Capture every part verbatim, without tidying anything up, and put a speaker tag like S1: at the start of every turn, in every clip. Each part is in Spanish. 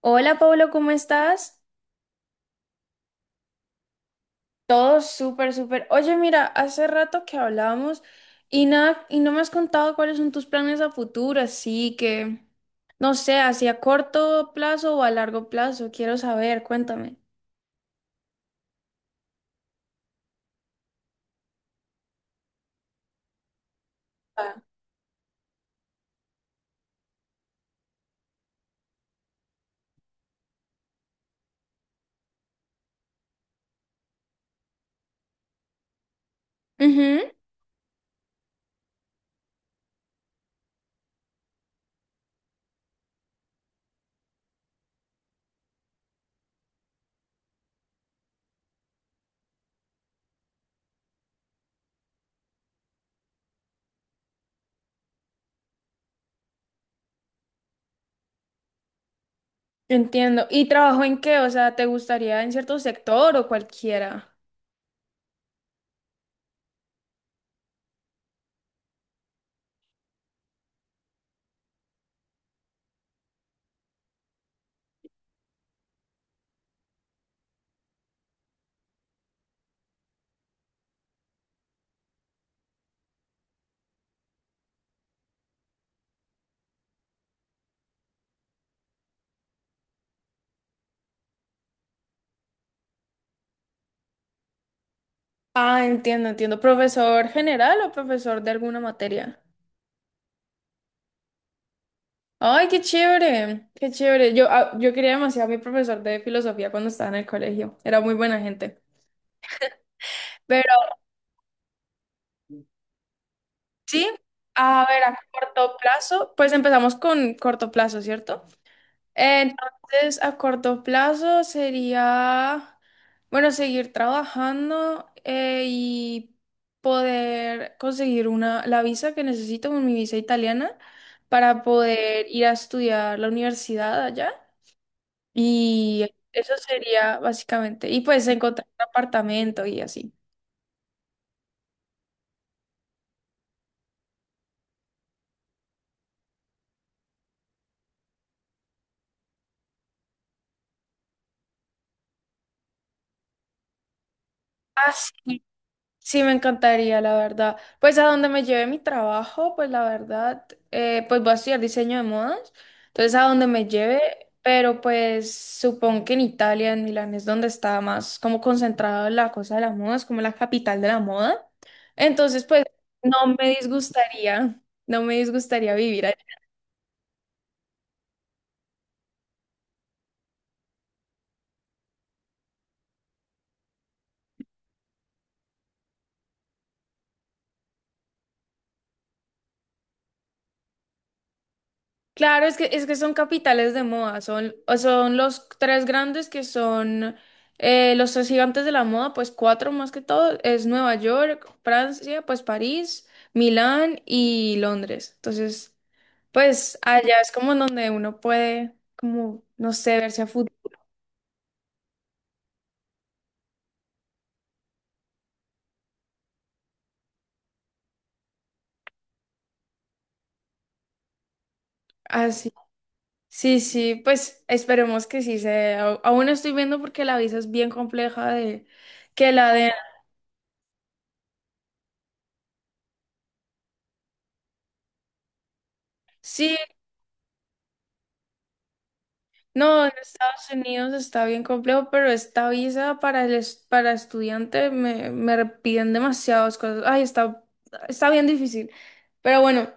S1: Hola Pablo, ¿cómo estás? Todo súper, súper. Oye, mira, hace rato que hablábamos y nada, y no me has contado cuáles son tus planes a futuro, así que no sé, hacia corto plazo o a largo plazo, quiero saber, cuéntame. Ah. Ujú, entiendo. ¿Y trabajo en qué? O sea, ¿te gustaría en cierto sector o cualquiera? Ah, entiendo, entiendo. ¿Profesor general o profesor de alguna materia? Ay, qué chévere, qué chévere. Yo, ah, yo quería demasiado a mi profesor de filosofía cuando estaba en el colegio. Era muy buena gente. Pero sí, a ver, a corto plazo, pues empezamos con corto plazo, ¿cierto? Entonces, a corto plazo sería, bueno, seguir trabajando eh, y poder conseguir una, la visa que necesito, mi visa italiana, para poder ir a estudiar la universidad allá. Y eso sería básicamente. Y pues encontrar un apartamento y así. Ah, sí. Sí, me encantaría, la verdad. Pues a donde me lleve mi trabajo, pues la verdad, eh, pues voy a estudiar diseño de modas. Entonces a donde me lleve, pero pues supongo que en Italia, en Milán, es donde está más como concentrada la cosa de la moda, es como la capital de la moda. Entonces, pues no me disgustaría, no me disgustaría vivir ahí. Claro, es que, es que son capitales de moda, son, o son los tres grandes que son eh, los tres gigantes de la moda, pues cuatro más que todo, es Nueva York, Francia, pues París, Milán y Londres. Entonces, pues allá es como en donde uno puede, como, no sé, verse a fútbol. Así. Sí, sí, pues esperemos que sí se dé. Au- Aún estoy viendo porque la visa es bien compleja de que la den. Sí. No, en Estados Unidos está bien complejo, pero esta visa para el es- para estudiante me, me piden demasiadas cosas. Ay, está, está bien difícil. Pero bueno,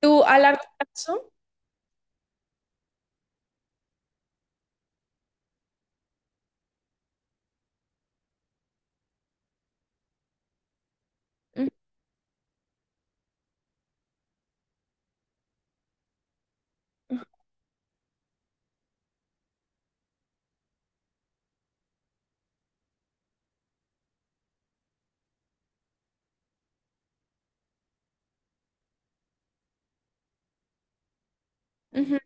S1: tú a largo plazo, ujú, ujú,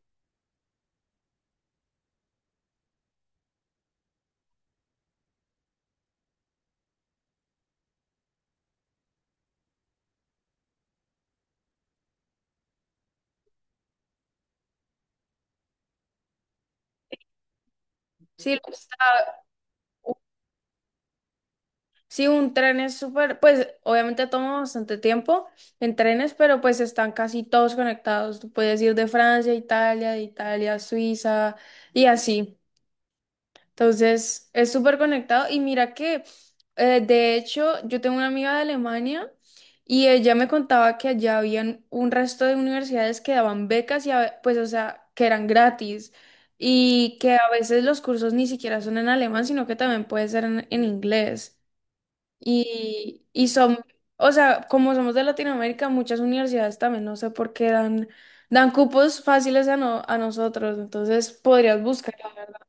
S1: sí, lo está- sí, un tren es súper, pues obviamente toma bastante tiempo en trenes, pero pues están casi todos conectados. Tú puedes ir de Francia a Italia, de Italia a Suiza y así. Entonces, es súper conectado. Y mira que, eh, de hecho, yo tengo una amiga de Alemania y ella me contaba que allá habían un resto de universidades que daban becas y, a ve- pues, o sea, que eran gratis y que a veces los cursos ni siquiera son en alemán, sino que también puede ser en, en inglés. Y, y son, o sea, como somos de Latinoamérica, muchas universidades también, no sé por qué dan, dan cupos fáciles a, no- a nosotros. Entonces, podrías buscar, la verdad.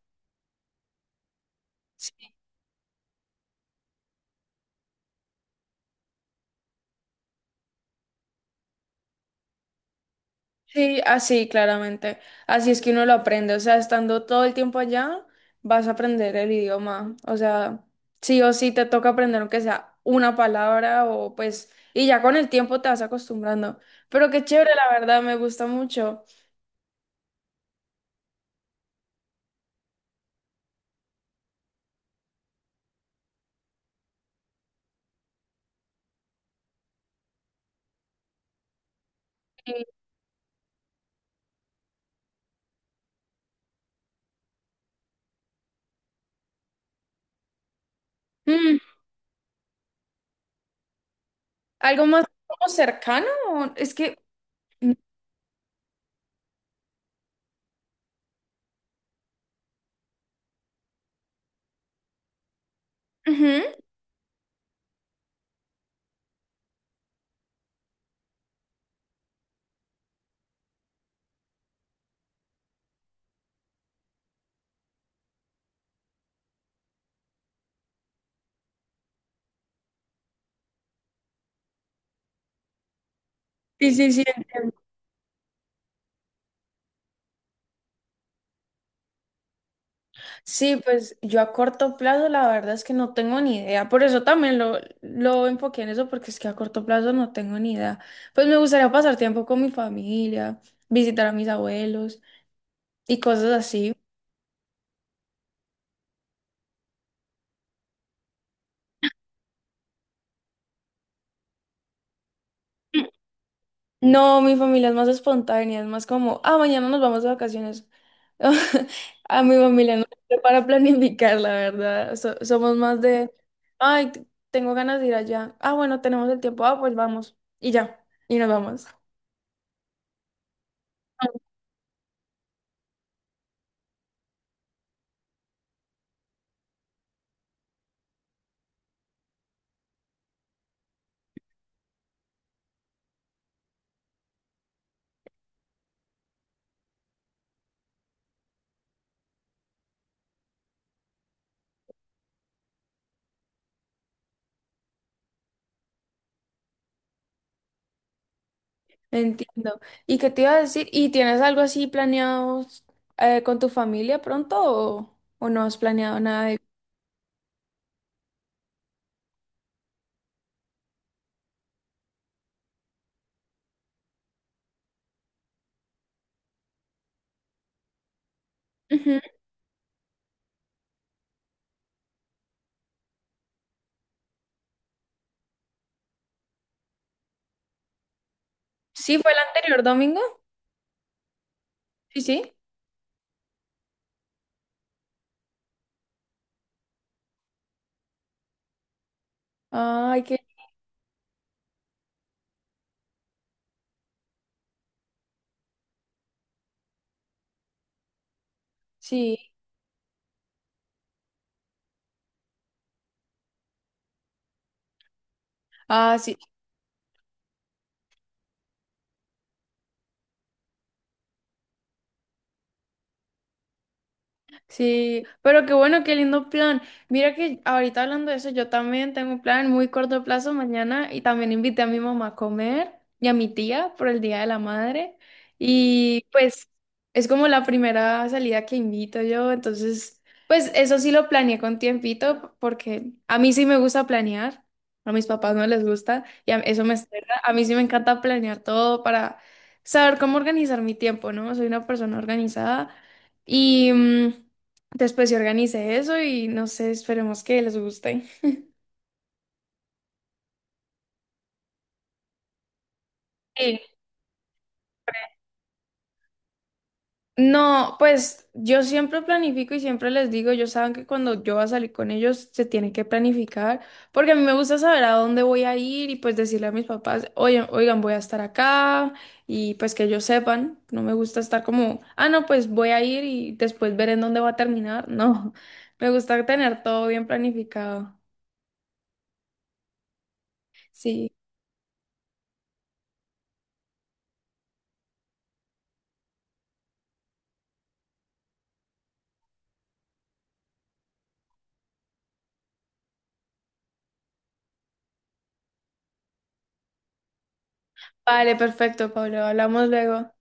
S1: Sí, así, claramente. Así es que uno lo aprende. O sea, estando todo el tiempo allá, vas a aprender el idioma. O sea, sí o sí te toca aprender aunque sea una palabra o pues, y ya con el tiempo te vas acostumbrando. Pero qué chévere, la verdad, me gusta mucho. Y, mm, algo más como cercano, es que ujú. Sí, sí, sí. Sí, pues yo a corto plazo la verdad es que no tengo ni idea. Por eso también lo, lo enfoqué en eso, porque es que a corto plazo no tengo ni idea. Pues me gustaría pasar tiempo con mi familia, visitar a mis abuelos y cosas así. No, mi familia es más espontánea, es más como, ah, mañana nos vamos de vacaciones. A mi familia no sé para planificar, la verdad. So- somos más de, ay, t- tengo ganas de ir allá. Ah, bueno, tenemos el tiempo, ah, pues vamos. Y ya, y nos vamos. Entiendo. ¿Y qué te iba a decir? ¿Y tienes algo así planeado eh, con tu familia pronto o, o no has planeado nada de... Ujú. Sí, fue el anterior domingo. Sí, sí. Ay, que sí. Ah, sí. Sí, pero qué bueno, qué lindo plan. Mira que ahorita hablando de eso, yo también tengo un plan muy corto plazo mañana y también invité a mi mamá a comer y a mi tía por el Día de la Madre. Y pues es como la primera salida que invito yo, entonces pues eso sí lo planeé con tiempito porque a mí sí me gusta planear, a mis papás no les gusta y a- eso me estresa. A mí sí me encanta planear todo para saber cómo organizar mi tiempo, ¿no? Soy una persona organizada y mm, después se organice eso y no sé, esperemos que les guste. Sí. No, pues yo siempre planifico y siempre les digo, ellos saben que cuando yo voy a salir con ellos se tienen que planificar, porque a mí me gusta saber a dónde voy a ir y pues decirle a mis papás, oigan, oigan, voy a estar acá y pues que ellos sepan, no me gusta estar como, ah, no, pues voy a ir y después ver en dónde va a terminar, no, me gusta tener todo bien planificado. Sí, vale, perfecto, Pablo, hablamos luego.